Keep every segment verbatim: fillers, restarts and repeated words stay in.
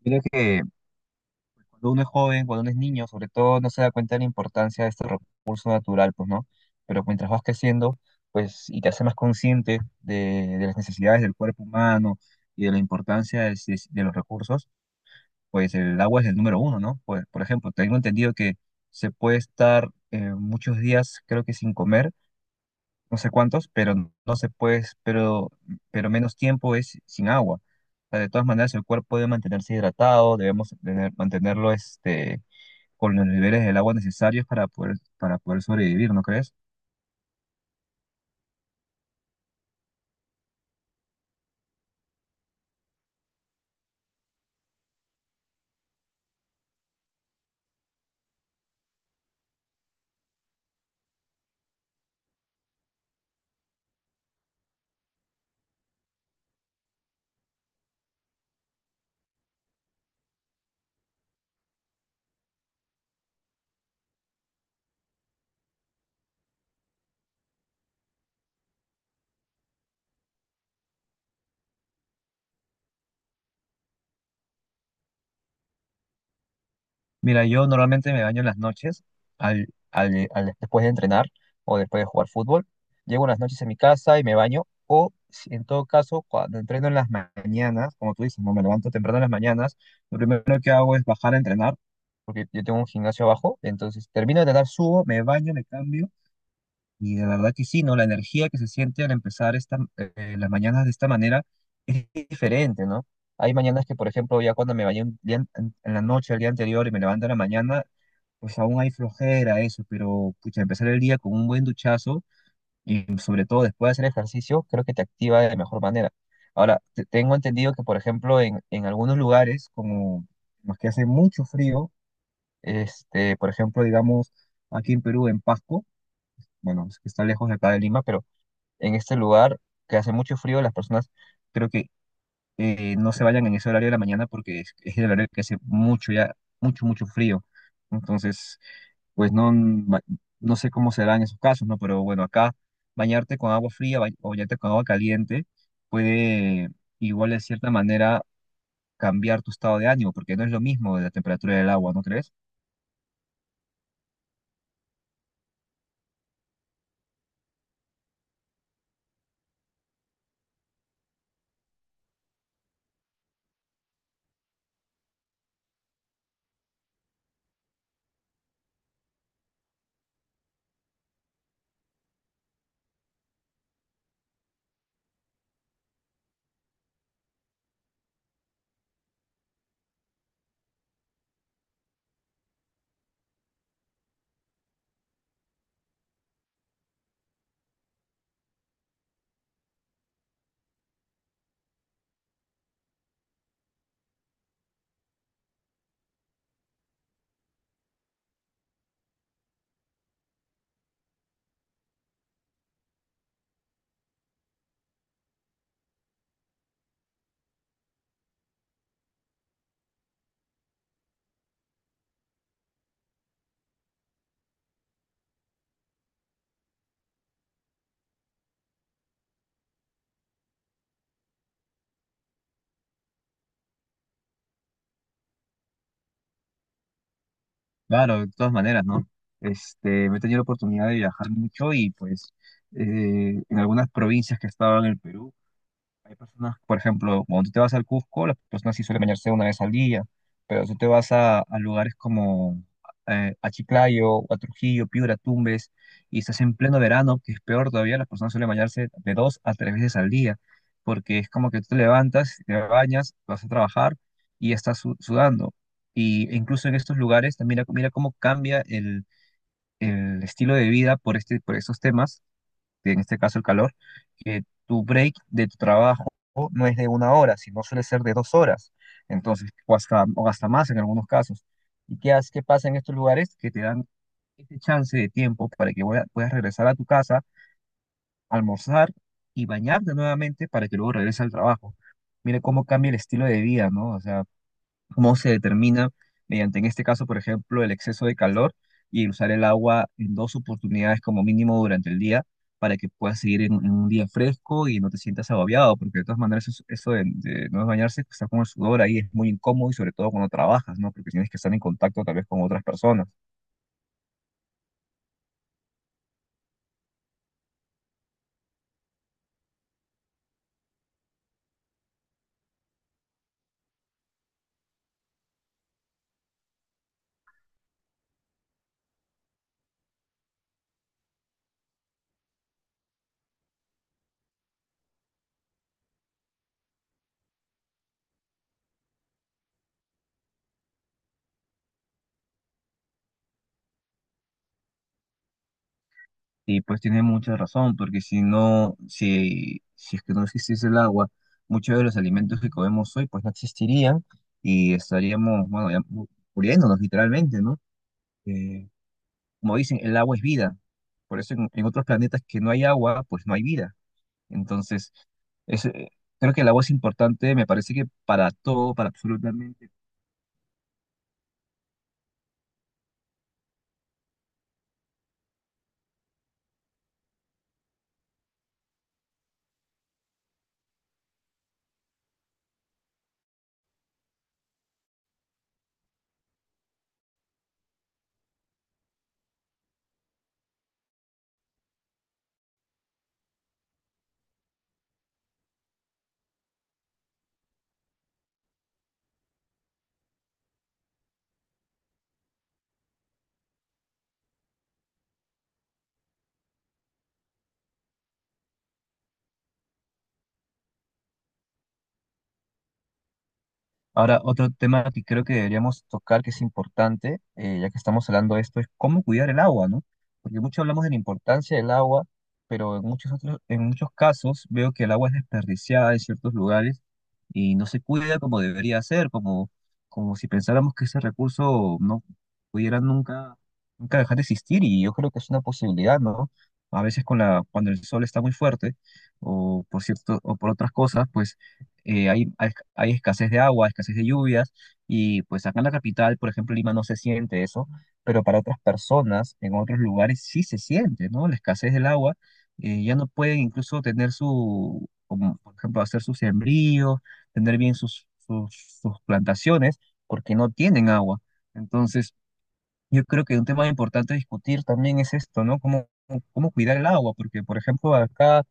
Yo que cuando uno es joven, cuando uno es niño, sobre todo, no se da cuenta de la importancia de este recurso natural, pues, ¿no? Pero mientras vas creciendo, pues, y te haces más consciente de, de las necesidades del cuerpo humano y de la importancia de, de- de los recursos, pues el agua es el número uno, ¿no? Por, por ejemplo, tengo entendido que se puede estar eh, muchos días, creo que sin comer, no sé cuántos, pero no se puede, pero, pero menos tiempo es sin agua. O sea, de todas maneras, el cuerpo debe mantenerse hidratado, debemos tener- mantenerlo este, con los niveles del agua necesarios para poder, para poder sobrevivir, ¿no crees? Mira, yo normalmente me baño en las noches, al, al- al- después de entrenar o después de jugar fútbol. Llego en las noches a mi casa y me baño. O si en todo caso, cuando entreno en las mañanas, como tú dices, no me levanto temprano en las mañanas, lo primero que hago es bajar a entrenar, porque yo tengo un gimnasio abajo. Entonces termino de entrenar, subo, me baño, me cambio. Y la verdad que sí, ¿no? La energía que se siente al empezar esta, eh, las mañanas de esta manera es diferente, ¿no? Hay mañanas que, por ejemplo, ya cuando me bañé un día en, en la noche, el día anterior, y me levanto en la mañana, pues aún hay flojera, eso, pero pucha, empezar el día con un buen duchazo y sobre todo después de hacer ejercicio, creo que te activa de mejor manera. Ahora, te- tengo entendido que, por ejemplo, en, en algunos lugares, como los que hace mucho frío, este, por ejemplo, digamos, aquí en Perú, en Pasco, bueno, es que está lejos de acá de Lima, pero en este lugar que hace mucho frío, las personas creo que eh, no se vayan en ese horario de la mañana porque es, es el horario que hace mucho ya, mucho, mucho frío. Entonces, pues no, ba- no sé cómo será en esos casos, ¿no? Pero bueno, acá bañarte con agua fría ba- o bañarte con agua caliente puede igual de cierta manera cambiar tu estado de ánimo, porque no es lo mismo la temperatura del agua, ¿no crees? Claro, de todas maneras, ¿no? Este, me he tenido la oportunidad de viajar mucho y pues eh, en algunas provincias que estaban en el Perú, hay personas, por ejemplo, cuando tú te vas al Cusco, las personas sí suelen bañarse una vez al día, pero si tú te vas a, a lugares como eh, a Chiclayo, o a Trujillo, Piura, Tumbes, y estás en pleno verano, que es peor todavía, las personas suelen bañarse de dos a tres veces al día, porque es como que tú te levantas, te bañas, vas a trabajar y estás su- sudando. Y e incluso en estos lugares, mira, mira cómo cambia el, el estilo de vida por, este, por estos temas que en este caso el calor, que tu break de tu trabajo no es de una hora, sino suele ser de dos horas, entonces, o hasta, o hasta más en algunos casos. ¿Y qué, hace- qué pasa en estos lugares? Que te dan este chance de tiempo para que vuela- puedas regresar a tu casa, almorzar y bañarte nuevamente para que luego regreses al trabajo. Mire cómo cambia el estilo de vida, ¿no? O sea, cómo se determina mediante, en este caso, por ejemplo, el exceso de calor y usar el agua en dos oportunidades como mínimo durante el día para que puedas seguir en, en un día fresco y no te sientas agobiado, porque de todas maneras eso, eso de, de no bañarse, estar con el sudor ahí es muy incómodo y sobre todo cuando trabajas, ¿no? Porque tienes que estar en contacto tal vez con otras personas. Y pues tiene mucha razón, porque si no, si, si es que no existiese el agua, muchos de los alimentos que comemos hoy pues no existirían y estaríamos, bueno, ya mu- muriéndonos literalmente, ¿no? eh, como dicen, el agua es vida. Por eso en, en otros planetas que no hay agua, pues no hay vida. Entonces, es, eh, creo que el agua es importante, me parece que para todo, para absolutamente. Ahora, otro tema que creo que deberíamos tocar, que es importante, eh, ya que estamos hablando de esto, es cómo cuidar el agua, ¿no? Porque mucho hablamos de la importancia del agua, pero en muchos otros, en muchos casos veo que el agua es desperdiciada en ciertos lugares y no se cuida como debería ser, como, como si pensáramos que ese recurso no pudiera nunca, nunca dejar de existir, y yo creo que es una posibilidad, ¿no? A veces con la, cuando el sol está muy fuerte, o por cierto, o por otras cosas, pues eh, hay, hay, hay escasez de agua, escasez de lluvias, y pues acá en la capital, por ejemplo, Lima no se siente eso, pero para otras personas en otros lugares sí se siente, ¿no? La escasez del agua, eh, ya no pueden incluso tener su, como, por ejemplo, hacer sus sembríos, tener bien sus, sus, sus plantaciones, porque no tienen agua. Entonces, yo creo que un tema importante a discutir también es esto, ¿no? Cómo, cómo cuidar el agua, porque, por ejemplo, acá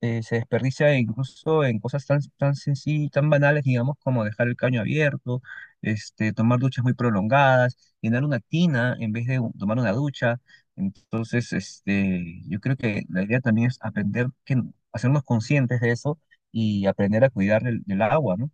eh, se desperdicia incluso en cosas tan, tan sencillas, tan banales, digamos, como dejar el caño abierto, este, tomar duchas muy prolongadas, llenar una tina en vez de u- tomar una ducha. Entonces, este, yo creo que la idea también es aprender, que, hacernos conscientes de eso y aprender a cuidar del, del agua, ¿no?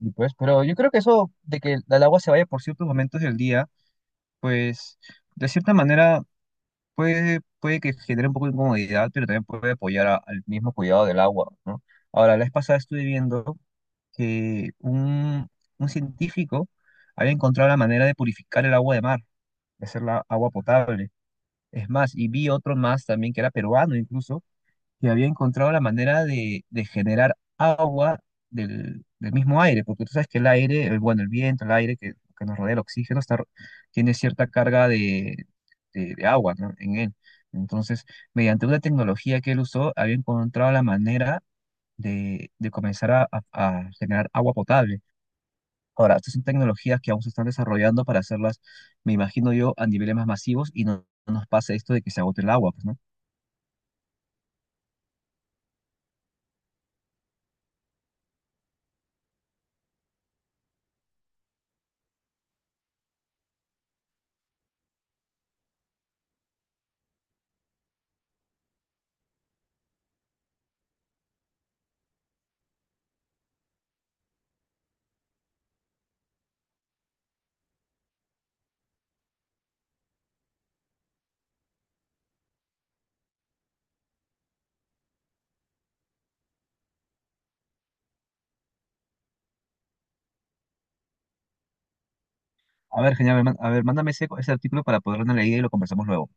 Y pues, pero yo creo que eso de que el agua se vaya por ciertos momentos del día pues de cierta manera puede, puede que genere un poco de incomodidad, pero también puede apoyar a- al mismo cuidado del agua, ¿no? Ahora, la vez pasada estuve viendo que un, un científico había encontrado la manera de purificar el agua de mar, de hacerla agua potable. Es más, y vi otro más también que era peruano incluso que había encontrado la manera de, de generar agua del, del mismo aire, porque tú sabes que el aire, el, bueno, el viento, el aire que, que nos rodea, el oxígeno, está, ro- tiene cierta carga de, de- de agua, ¿no? en él. Entonces, mediante una tecnología que él usó, había encontrado la manera de, de comenzar a, a- a generar agua potable. Ahora, estas son tecnologías que aún se están desarrollando para hacerlas, me imagino yo, a niveles más masivos y no, no nos pase esto de que se agote el agua, pues, ¿no? A ver, genial, a ver, man- a ver, mándame ese, ese artículo para poderlo leer y lo conversamos luego.